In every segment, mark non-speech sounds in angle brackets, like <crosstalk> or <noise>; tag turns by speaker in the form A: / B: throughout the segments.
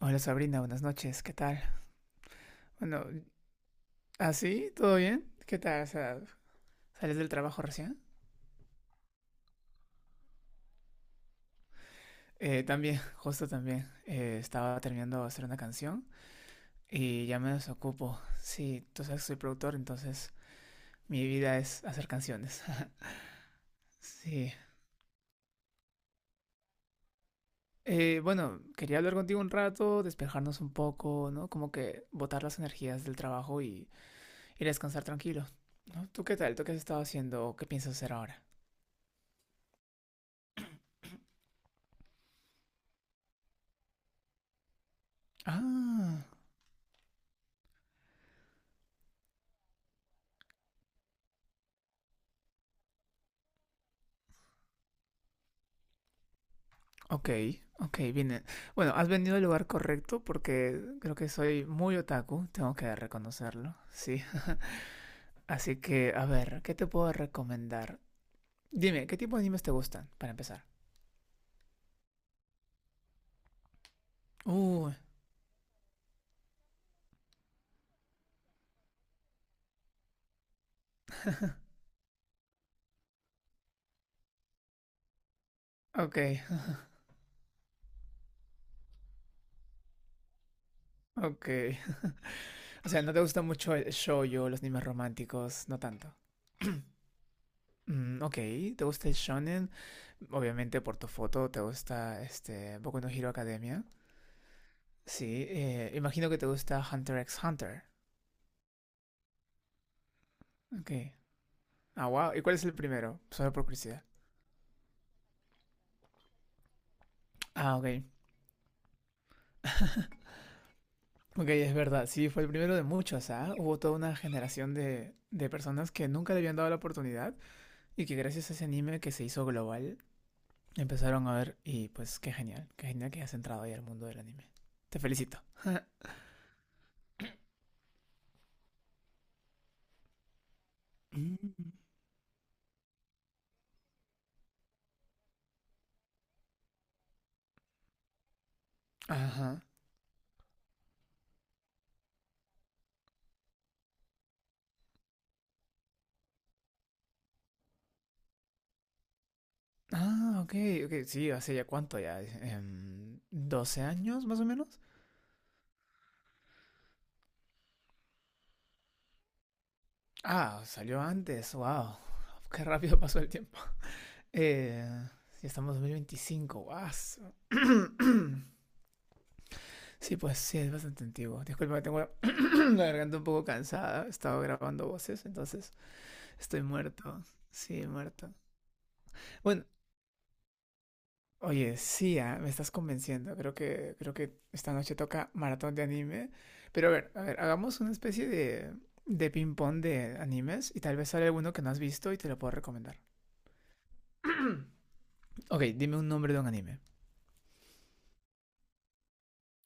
A: Hola Sabrina, buenas noches, ¿qué tal? Bueno, ¿así? ¿Todo bien? ¿Qué tal? O sea, ¿sales del trabajo recién? También, <laughs> justo también. Estaba terminando de hacer una canción y ya me desocupo. Sí, tú sabes que soy productor, entonces mi vida es hacer canciones. <laughs> Sí. Bueno, quería hablar contigo un rato, despejarnos un poco, ¿no? Como que botar las energías del trabajo y ir a descansar tranquilo, ¿no? ¿Tú qué tal? ¿Tú qué has estado haciendo? ¿O qué piensas hacer ahora? Ah. Ok, ok, bien. Bueno, has venido al lugar correcto porque creo que soy muy otaku, tengo que reconocerlo, sí. <laughs> Así que, a ver, ¿qué te puedo recomendar? Dime, ¿qué tipo de animes te gustan, para empezar? Uh, ok, ok. <laughs> O sea, ¿no te gusta mucho el shoujo, los animes románticos? No tanto. Mm, ok, ¿te gusta el shonen? Obviamente por tu foto, ¿te gusta este Boku no Hero Academia? Sí, imagino que te gusta Hunter x Hunter. Ok. Ah, wow. ¿Y cuál es el primero? Solo por curiosidad. Ah, ok. Ok, es verdad. Sí, fue el primero de muchos, ¿ah? Hubo toda una generación de personas que nunca le habían dado la oportunidad y que gracias a ese anime que se hizo global empezaron a ver y pues qué genial. Qué genial que hayas entrado ahí al mundo del anime. Te felicito. Mm. Ajá. Ah, ok, ok. Sí, hace ya cuánto ya. ¿12 años más o menos? Ah, salió antes. Wow. Qué rápido pasó el tiempo. Eh, ya estamos en 2025, guas. <clears throat> Sí, pues sí, es bastante antiguo. Disculpa, tengo la, <clears throat> la garganta un poco cansada. He estado grabando voces, entonces estoy muerto. Sí, muerto. Bueno, oye, sí, ah, me estás convenciendo. Creo que esta noche toca maratón de anime. Pero a ver, hagamos una especie de, ping-pong de animes y tal vez sale alguno que no has visto y te lo puedo recomendar. <clears throat> Ok, dime un nombre de un anime.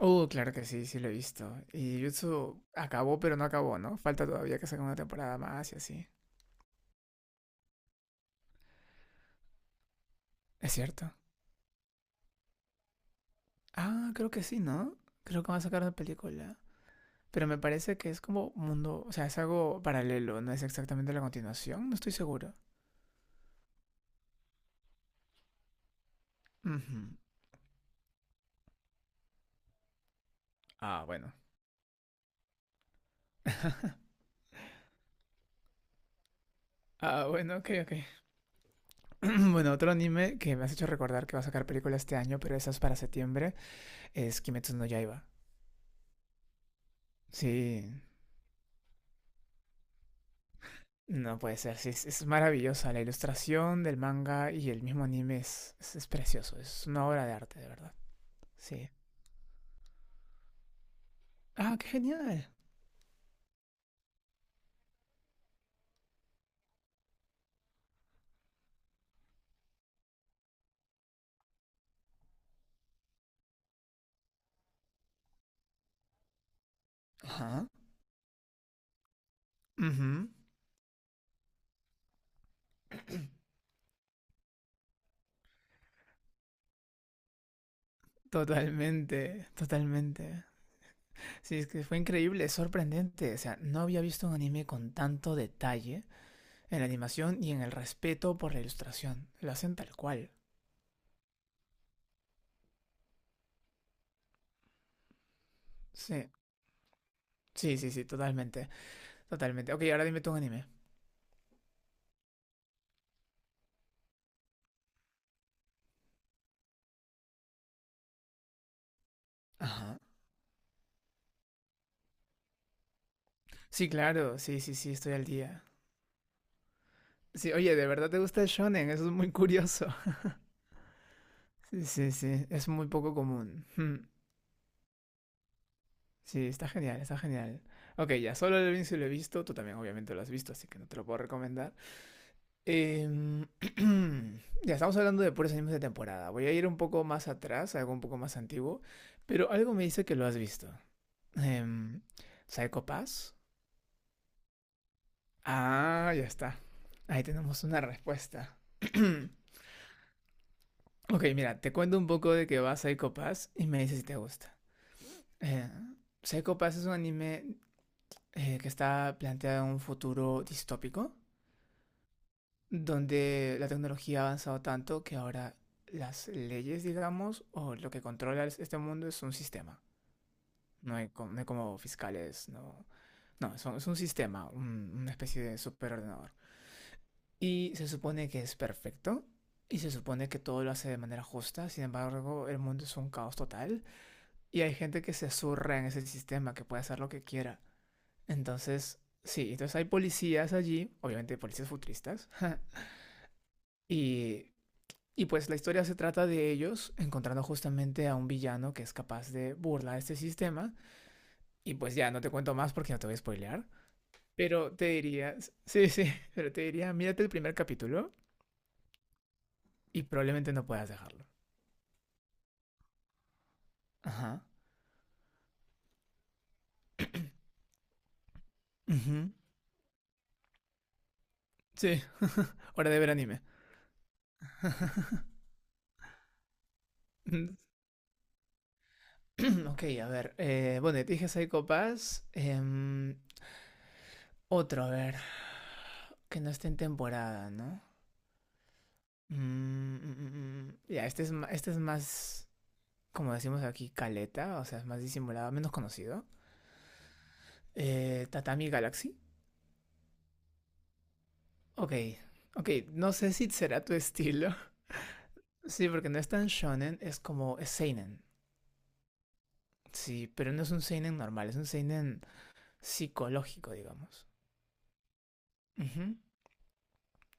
A: Claro que sí, sí lo he visto. Y Jujutsu acabó, pero no acabó, ¿no? Falta todavía que saquen una temporada más y así. Es cierto. Ah, creo que sí, ¿no? Creo que van a sacar una película. Pero me parece que es como mundo, o sea, es algo paralelo, no es exactamente la continuación, no estoy seguro. Ujú. Ah, bueno. Ah, bueno, ok, ok. <clears throat> Bueno, otro anime que me has hecho recordar que va a sacar película este año, pero esa es para septiembre, es Kimetsu no Yaiba. Sí. No puede ser, sí, es maravillosa. La ilustración del manga y el mismo anime es precioso. Es una obra de arte, de verdad. Sí. Ah, qué genial. Ajá. Ujú. Totalmente, totalmente. Sí, es que fue increíble, es sorprendente. O sea, no había visto un anime con tanto detalle en la animación y en el respeto por la ilustración. Lo hacen tal cual. Sí, sí, sí, sí, totalmente, totalmente. Ok, ahora dime tú un anime. Ajá. Sí, claro, sí, sí, sí, estoy al día. Sí, oye, ¿de verdad te gusta el shonen? Eso es muy curioso. <laughs> Sí, sí, sí, es muy poco común. Hmm. Sí, está genial, está genial. Ok, ya, solo el Vinci lo he visto, tú también obviamente lo has visto, así que no te lo puedo recomendar. Em, <clears throat> ya, estamos hablando de puros animes de temporada. Voy a ir un poco más atrás, algo un poco más antiguo, pero algo me dice que lo has visto. Em, ¿Psycho Pass? Ah, ya está. Ahí tenemos una respuesta. <clears throat> Ok, mira, te cuento un poco de que va Psycho Pass y me dices si te gusta. Eh, Psycho Pass es un anime que está planteado en un futuro distópico, donde la tecnología ha avanzado tanto que ahora las leyes, digamos, o lo que controla este mundo es un sistema. No hay, no hay como fiscales, no. No, es un sistema, una especie de superordenador. Y se supone que es perfecto, y se supone que todo lo hace de manera justa, sin embargo, el mundo es un caos total, y hay gente que se zurra en ese sistema, que puede hacer lo que quiera. Entonces, sí, entonces hay policías allí, obviamente policías futuristas, <laughs> y, y pues la historia se trata de ellos encontrando justamente a un villano que es capaz de burlar este sistema, y pues ya no te cuento más porque no te voy a spoilear, pero te diría, sí, sí, <laughs> pero te diría, mírate el primer capítulo y probablemente no puedas dejarlo. Ajá. Ujú. Sí, hora de ver anime. Mm, <clears throat> Ok, a ver. Bueno, te dije Psycho Pass. Otro, a ver. Que no esté en temporada, ¿no? Mm. Ya, este es, este es más, como decimos aquí, caleta, o sea, es más disimulado, menos conocido. Tatami Galaxy. Ok, ok, no sé si será tu estilo. <laughs> Sí, porque no es tan shonen, es como, es seinen. Sí, pero no es un seinen normal, es un seinen psicológico, digamos. Ujú.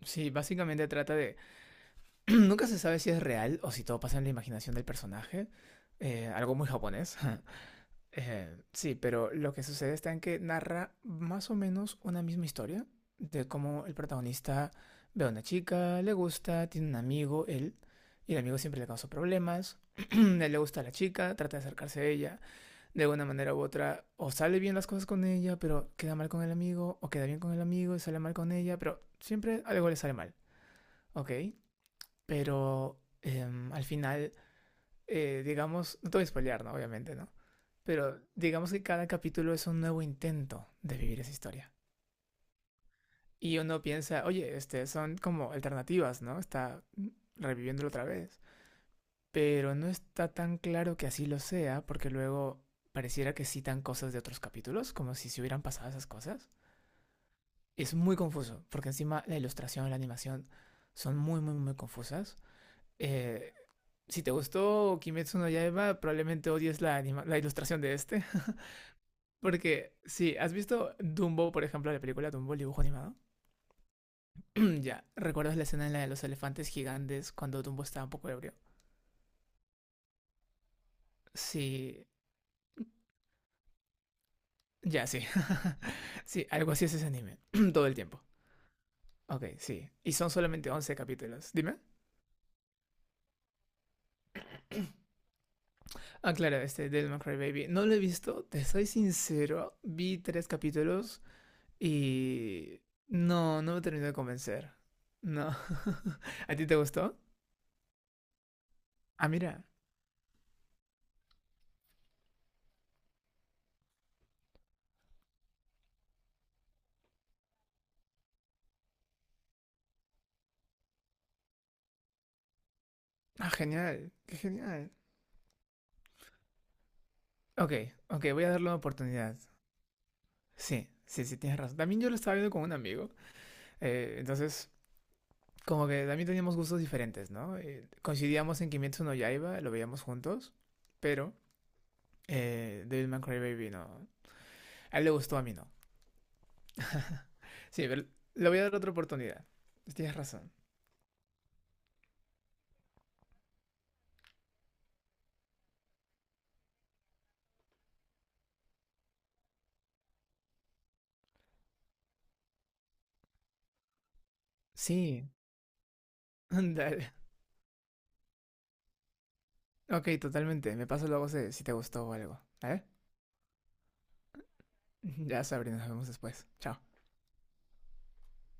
A: Sí, básicamente trata de... <clears throat> Nunca se sabe si es real o si todo pasa en la imaginación del personaje. Algo muy japonés. <laughs> Sí, pero lo que sucede está en que narra más o menos una misma historia de cómo el protagonista ve a una chica, le gusta, tiene un amigo, él, y el amigo siempre le causa problemas, <clears throat> él le gusta a la chica, trata de acercarse a ella, de una manera u otra, o sale bien las cosas con ella, pero queda mal con el amigo, o queda bien con el amigo y sale mal con ella, pero siempre algo le sale mal, ¿ok? Pero al final digamos, no te voy a spoilear, ¿no? Obviamente, ¿no? Pero digamos que cada capítulo es un nuevo intento de vivir esa historia. Y uno piensa, oye, este, son como alternativas, ¿no? Está reviviéndolo otra vez. Pero no está tan claro que así lo sea, porque luego pareciera que citan cosas de otros capítulos, como si se hubieran pasado esas cosas. Es muy confuso, porque encima la ilustración, la animación son muy, muy, muy confusas. Eh, si te gustó Kimetsu no Yaiba, probablemente odies la, anima la ilustración de este. <laughs> Porque, sí, ¿has visto Dumbo, por ejemplo, la película Dumbo, el dibujo animado? <clears throat> Ya, ¿recuerdas la escena en la de los elefantes gigantes cuando Dumbo estaba un poco ebrio? Sí, ya, sí. <laughs> Sí, algo así es ese anime, <clears throat> todo el tiempo. Ok, sí. Y son solamente 11 capítulos. Dime. Ah, claro, este Devil May Cry Baby. No lo he visto, te soy sincero. Vi tres capítulos y... No, no me terminó de convencer. No. <laughs> ¿A ti te gustó? Ah, mira. Ah, genial. Qué genial. Ok, ok, voy a darle una oportunidad. Sí, sí, sí, tienes razón. También yo lo estaba viendo con un amigo, entonces como que también teníamos gustos diferentes, ¿no? Coincidíamos en Kimetsu no Yaiba, lo veíamos juntos, pero Devilman Crybaby no. A él le gustó, a mí no. Sí, pero le voy a dar otra oportunidad. Tienes razón. Sí, <laughs> dale. Ok, totalmente. Me paso luego si, si te gustó o algo. ¿Vale? <laughs> Ya, Sabrina, nos vemos después. Chao.